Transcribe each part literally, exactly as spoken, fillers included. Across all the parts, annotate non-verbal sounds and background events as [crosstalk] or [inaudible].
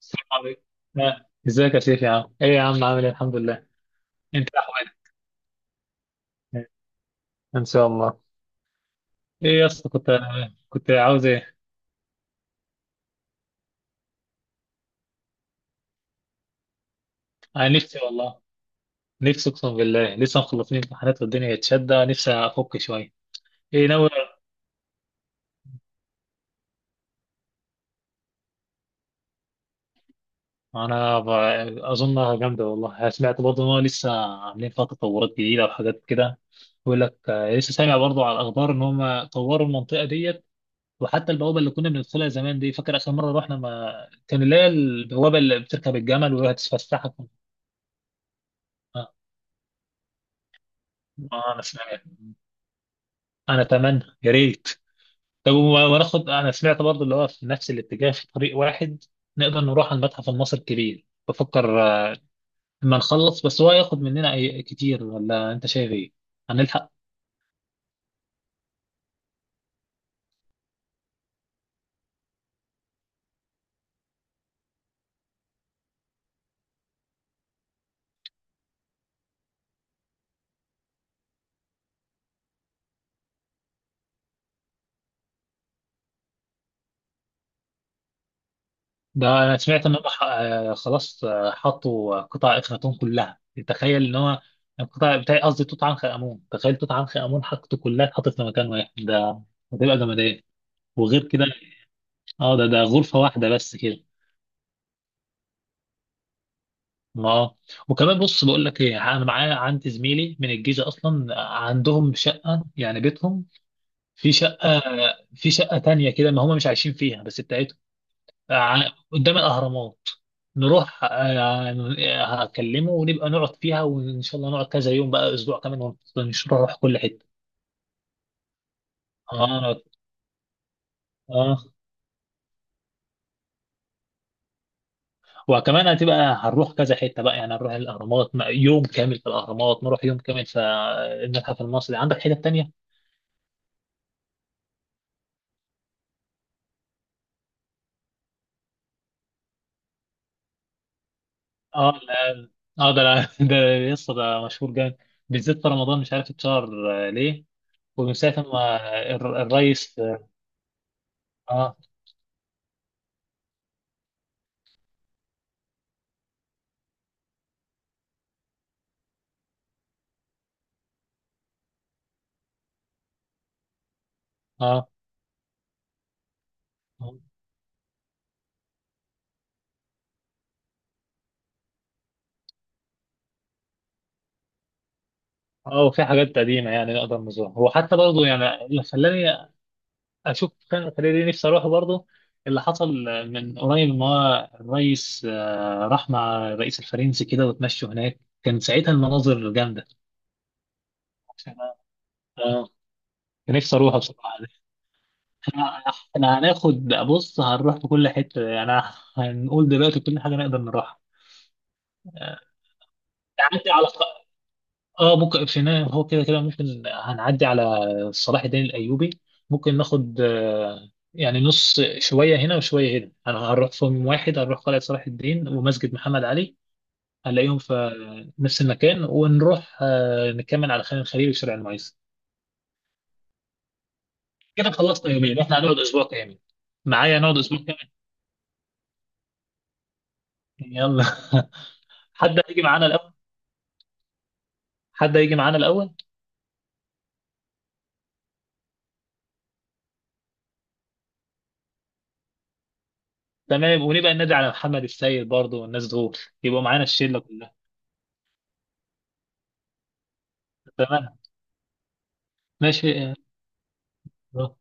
السلام عليكم. آه، ازيك يا شيخ؟ يا عم، ايه يا عم؟ عامل ايه؟ الحمد لله. انت احوالك؟ ان شاء الله. ايه يا اسطى؟ كنت كنت عاوز ايه؟ انا نفسي والله، نفسي اقسم بالله لسه مخلصين امتحانات والدنيا اتشدة، نفسي افك شويه. ايه ناوي؟ انا ب... اظنها جامده والله. سمعت برضه ان هو لسه عاملين فيها تطورات جديده وحاجات كده. بيقول لك، آه، لسه سامع برضه على الاخبار ان هم طوروا المنطقه ديت. وحتى البوابه اللي كنا بندخلها زمان دي، فاكر اخر مره رحنا؟ ما كان اللي هي البوابه اللي بتركب الجمل وهتفسحك. آه. آه انا سمعت. انا اتمنى يا ريت. طب، و- وناخد، انا سمعت برضه اللي هو في نفس الاتجاه، في طريق واحد. نقدر نروح على المتحف المصري الكبير. بفكر آه، لما نخلص، بس هو ياخد مننا أي- كتير ولا انت شايف ايه؟ هنلحق؟ ده انا سمعت ان هم ح- آه، خلاص، آه، حطوا قطع اخناتون كلها. تخيل ان هو القطع بتاعي، قصدي توت عنخ امون. تخيل توت عنخ امون حطته كلها، اتحطت في مكان واحد ده. هتبقى جمدان. وغير كده. اه، ده ده غرفه واحده بس كده. اه. وكمان بص بقول لك ايه، انا معايا عندي زميلي من الجيش اصلا. عندهم شقه، يعني بيتهم، في شقه في شقه تانية كده، ما هم مش عايشين فيها بس، بتاعتهم. ع- قدام الأهرامات نروح. آه، آه، هكلمه ونبقى نقعد فيها، وإن شاء الله نقعد كذا يوم بقى، أسبوع كمان، ونروح كل حتة. اه، اه. وكمان هتبقى هنروح كذا حتة بقى، يعني هنروح الأهرامات م- يوم كامل في الأهرامات، نروح يوم كامل في آه، المتحف المصري. عندك حتة تانية؟ اه، لا. اه، ده [laughs] لا- ده لسه ده مشهور جامد، بالذات في رمضان. مش عارف اتشهر آه، ليه، ومن ساعة ما الر- الرئيس. اه، اه، آه. اه، في حاجات قديمة يعني نقدر نزورها، وحتى برضه يعني اللي خلاني أشوف، كان خلاني نفسي أروح برضه. اللي حصل من قريب، إن هو الرئيس آه، راح مع الرئيس الفرنسي كده وتمشوا هناك. كان ساعتها المناظر جامدة. اه، نفسي أروح بصراحة. احنا إحنا هناخد، بص هنروح في كل حتة يعني، هنقول دلوقتي كل حاجة نقدر نروحها. نعدي على، اه ممكن في النهاية هو كده كده ممكن هنعدي على صلاح الدين الايوبي. ممكن ناخد آه، يعني نص، شويه هنا وشويه هنا. انا هنروح في يوم واحد، هنروح قلعه صلاح الدين ومسجد محمد علي. هنلاقيهم في نفس المكان، ونروح آه، نكمل على خان الخليل وشارع المعز. كده خلصنا يومين، احنا هنقعد اسبوع كامل. معايا نقعد اسبوع كامل. يلا [laughs] حد هيجي معانا الاول؟ حد هيجي معانا الاول؟ تمام، ونبقى ننادي على محمد السيد برضه والناس دول، يبقوا معانا الشله كلها. تمام، ماشي. آه.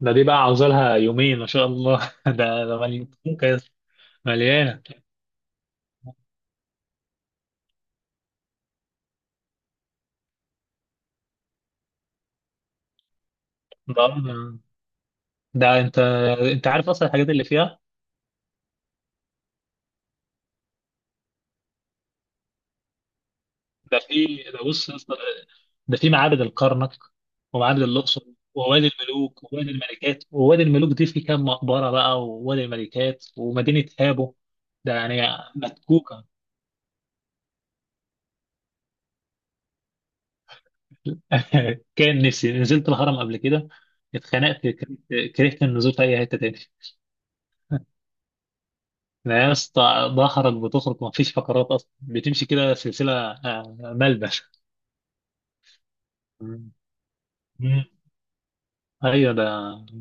ده دي بقى عاوزة لها يومين ما شاء الله [laughs] ده ده مليان. مليانة. ده ده انت انت عارف اصلا الحاجات اللي فيها. ده في، ده بص يا اسطى، ده في معابد الكرنك، ومعابد الاقصر، ووادي الملوك ووادي الملكات، ووادي الملوك دي في كام مقبرة بقى، ووادي الملكات، ومدينة هابو. ده يعني متكوكة [laughs] كان نفسي نزلت الهرم قبل كده، اتخنقت، كرهت كرهت النزول في اي حتة تاني. ده يا اسطى، ظهرك بتخرج، مفيش فقرات اصلا بتمشي كده سلسله آه، ملبش. مم. مم. ايوه، ده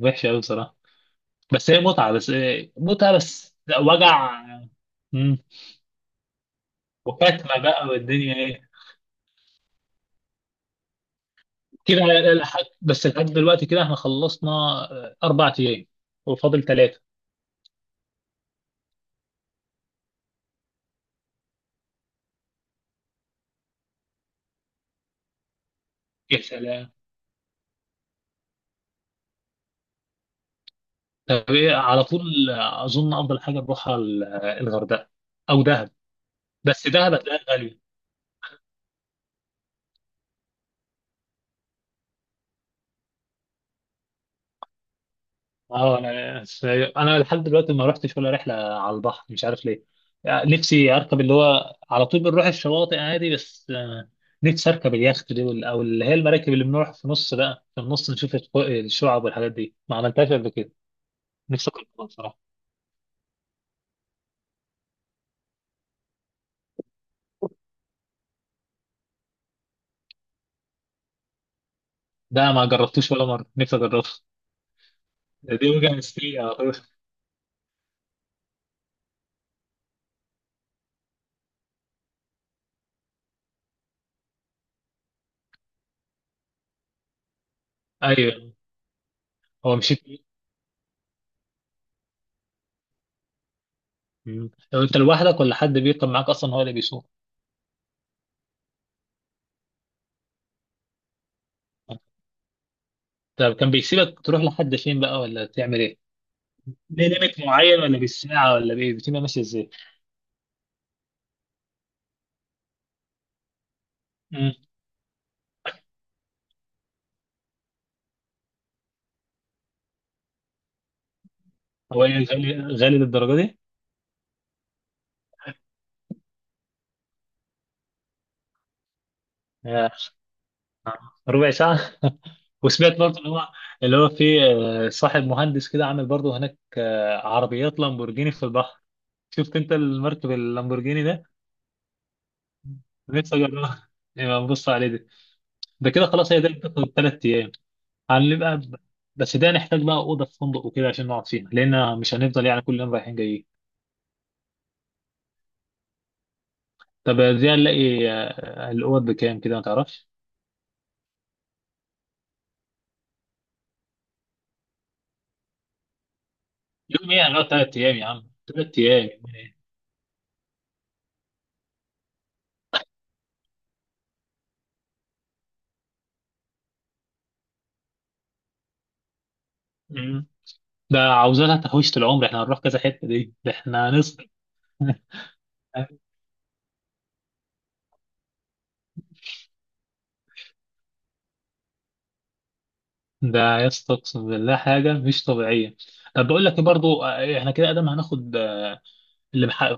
وحش قوي بصراحه. بس هي متعه، بس إيه، متعه بس لا، وجع. مم. وكتمه بقى والدنيا ايه. كده، لحد بس لحد دلوقتي كده احنا خلصنا آه، اربع ايام، وفاضل ثلاثه. يا سلام. طب ايه على طول؟ آه، اظن افضل حاجه نروحها ال- آه، الغردقه، او دهب. بس دهب هتلاقيها غاليه. اه، انا انا لحد دلوقتي ما رحتش ولا رحله على البحر، مش عارف ليه. يعني نفسي اركب اللي هو على طول بنروح الشواطئ عادي، بس آه، نفسي اركب اليخت دي وال- او اللي هي المراكب اللي بنروح في النص بقى، في النص نشوف الشو- الشعب والحاجات دي، ما عملتهاش قبل كده. نفسي اجربها بصراحه. ده ما جربتوش ولا مره، نفسي اجربها. دي وجهه مسترية على طول. ايوه. هو مشيت. مم. لو انت لوحدك، ولا حد بيركب معاك اصلا هو اللي بيسوق؟ طب كان بيسيبك تروح لحد فين بقى، ولا تعمل ايه؟ ليه؟ ليميت معين ولا بالساعة ولا بإيه؟ الروتين ماشي إزاي؟ مم. هو إيه، غالي غالي للدرجة دي؟ آه، ربع ساعة. وسمعت برضه اللي هو اللي هو في آه، صاحب مهندس كده، عامل برضه هناك آه، عربيات لامبورجيني في البحر. شفت أنت المركب اللامبورجيني ده؟ نفسي أجربها. نبقى نبص عليه ده. ده كده خلاص، هي ده بتاخد تلات أيام. هنبقى ب- بس ده نحتاج بقى أوضة في فندق وكده عشان نقعد فيها، لأن مش هنفضل يعني كل يوم رايحين جايين. طب دي هنلاقي آه، الأوض بكام كده ما تعرفش؟ يوم ايه؟ هنقعد تلات ايام يا عم، تلات ايام، يومين ايه؟ مم. ده عاوزة لها تحويشة العمر. احنا هنروح كذا حتة دي، ده احنا هنصرف. ده يا اسطى، اقسم بالله حاجة مش طبيعية. طب بقول لك ايه برضو، آه، احنا كده ادم هناخد آه، اللي مح...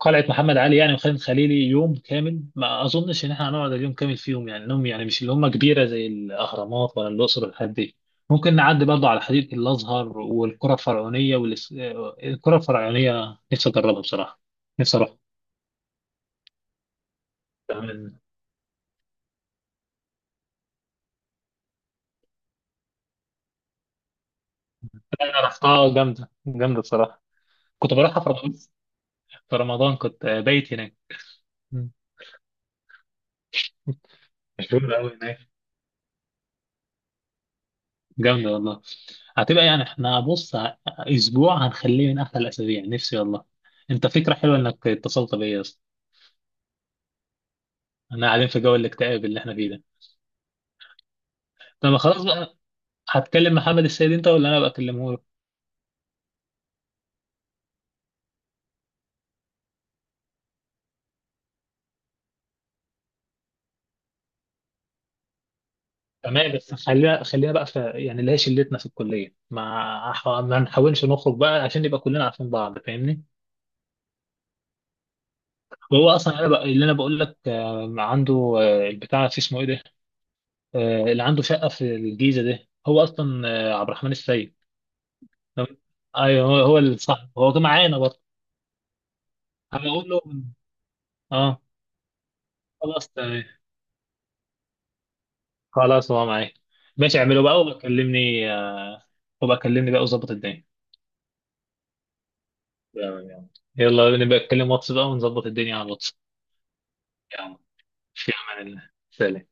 قلعة محمد علي يعني، وخان الخليلي، يوم كامل ما اظنش ان احنا هنقعد اليوم كامل فيهم يعني، انهم يعني مش اللي هم كبيرة زي الاهرامات ولا الاقصر والحاجات دي. ممكن نعدي برضو على حديقة الازهر والقرى الفرعونية والقرى الفرعونية نفسي اجربها بصراحة. نفسي اروح. رحتها آه، جامدة جامدة بصراحة. كنت بروحها في رمضان. في رمضان كنت آه، بايت هناك. مم. مشهورة أوي هناك، جامدة والله. هتبقى يعني، احنا بص، ه- أسبوع هنخليه من أحلى الأسابيع، نفسي والله. أنت، فكرة حلوة إنك اتصلت بيا يا اسطى. احنا قاعدين في جو الاكتئاب اللي احنا فيه ده. طب خلاص بقى، هتكلم محمد السيد أنت ولا أنا بقى أكلمه له؟ تمام، بس خليها خليها بقى في يعني اللي هي شلتنا في الكلية، ما ما نحاولش نخرج بقى، عشان نبقى كلنا عارفين بعض، فاهمني؟ هو اصلا انا بق... اللي انا بقول لك آه، عنده آه، البتاع، في اسمه ايه ده؟ آه، اللي عنده شقه في الجيزه ده، هو اصلا آه، عبد الرحمن السيد. لو- ايوه، هو هو اللي صح. هو كان معانا برضه. هبقول له. اه، خلاص تمام. خلاص، هو معايا. ماشي، اعمله بقى وبكلمني آه، وبكلمني بقى، وظبط الدنيا. تمام. يلا يلا، نبقى نتكلم واتس بقى، ونظبط الدنيا على الواتس. يلا، في امان الله، سلام.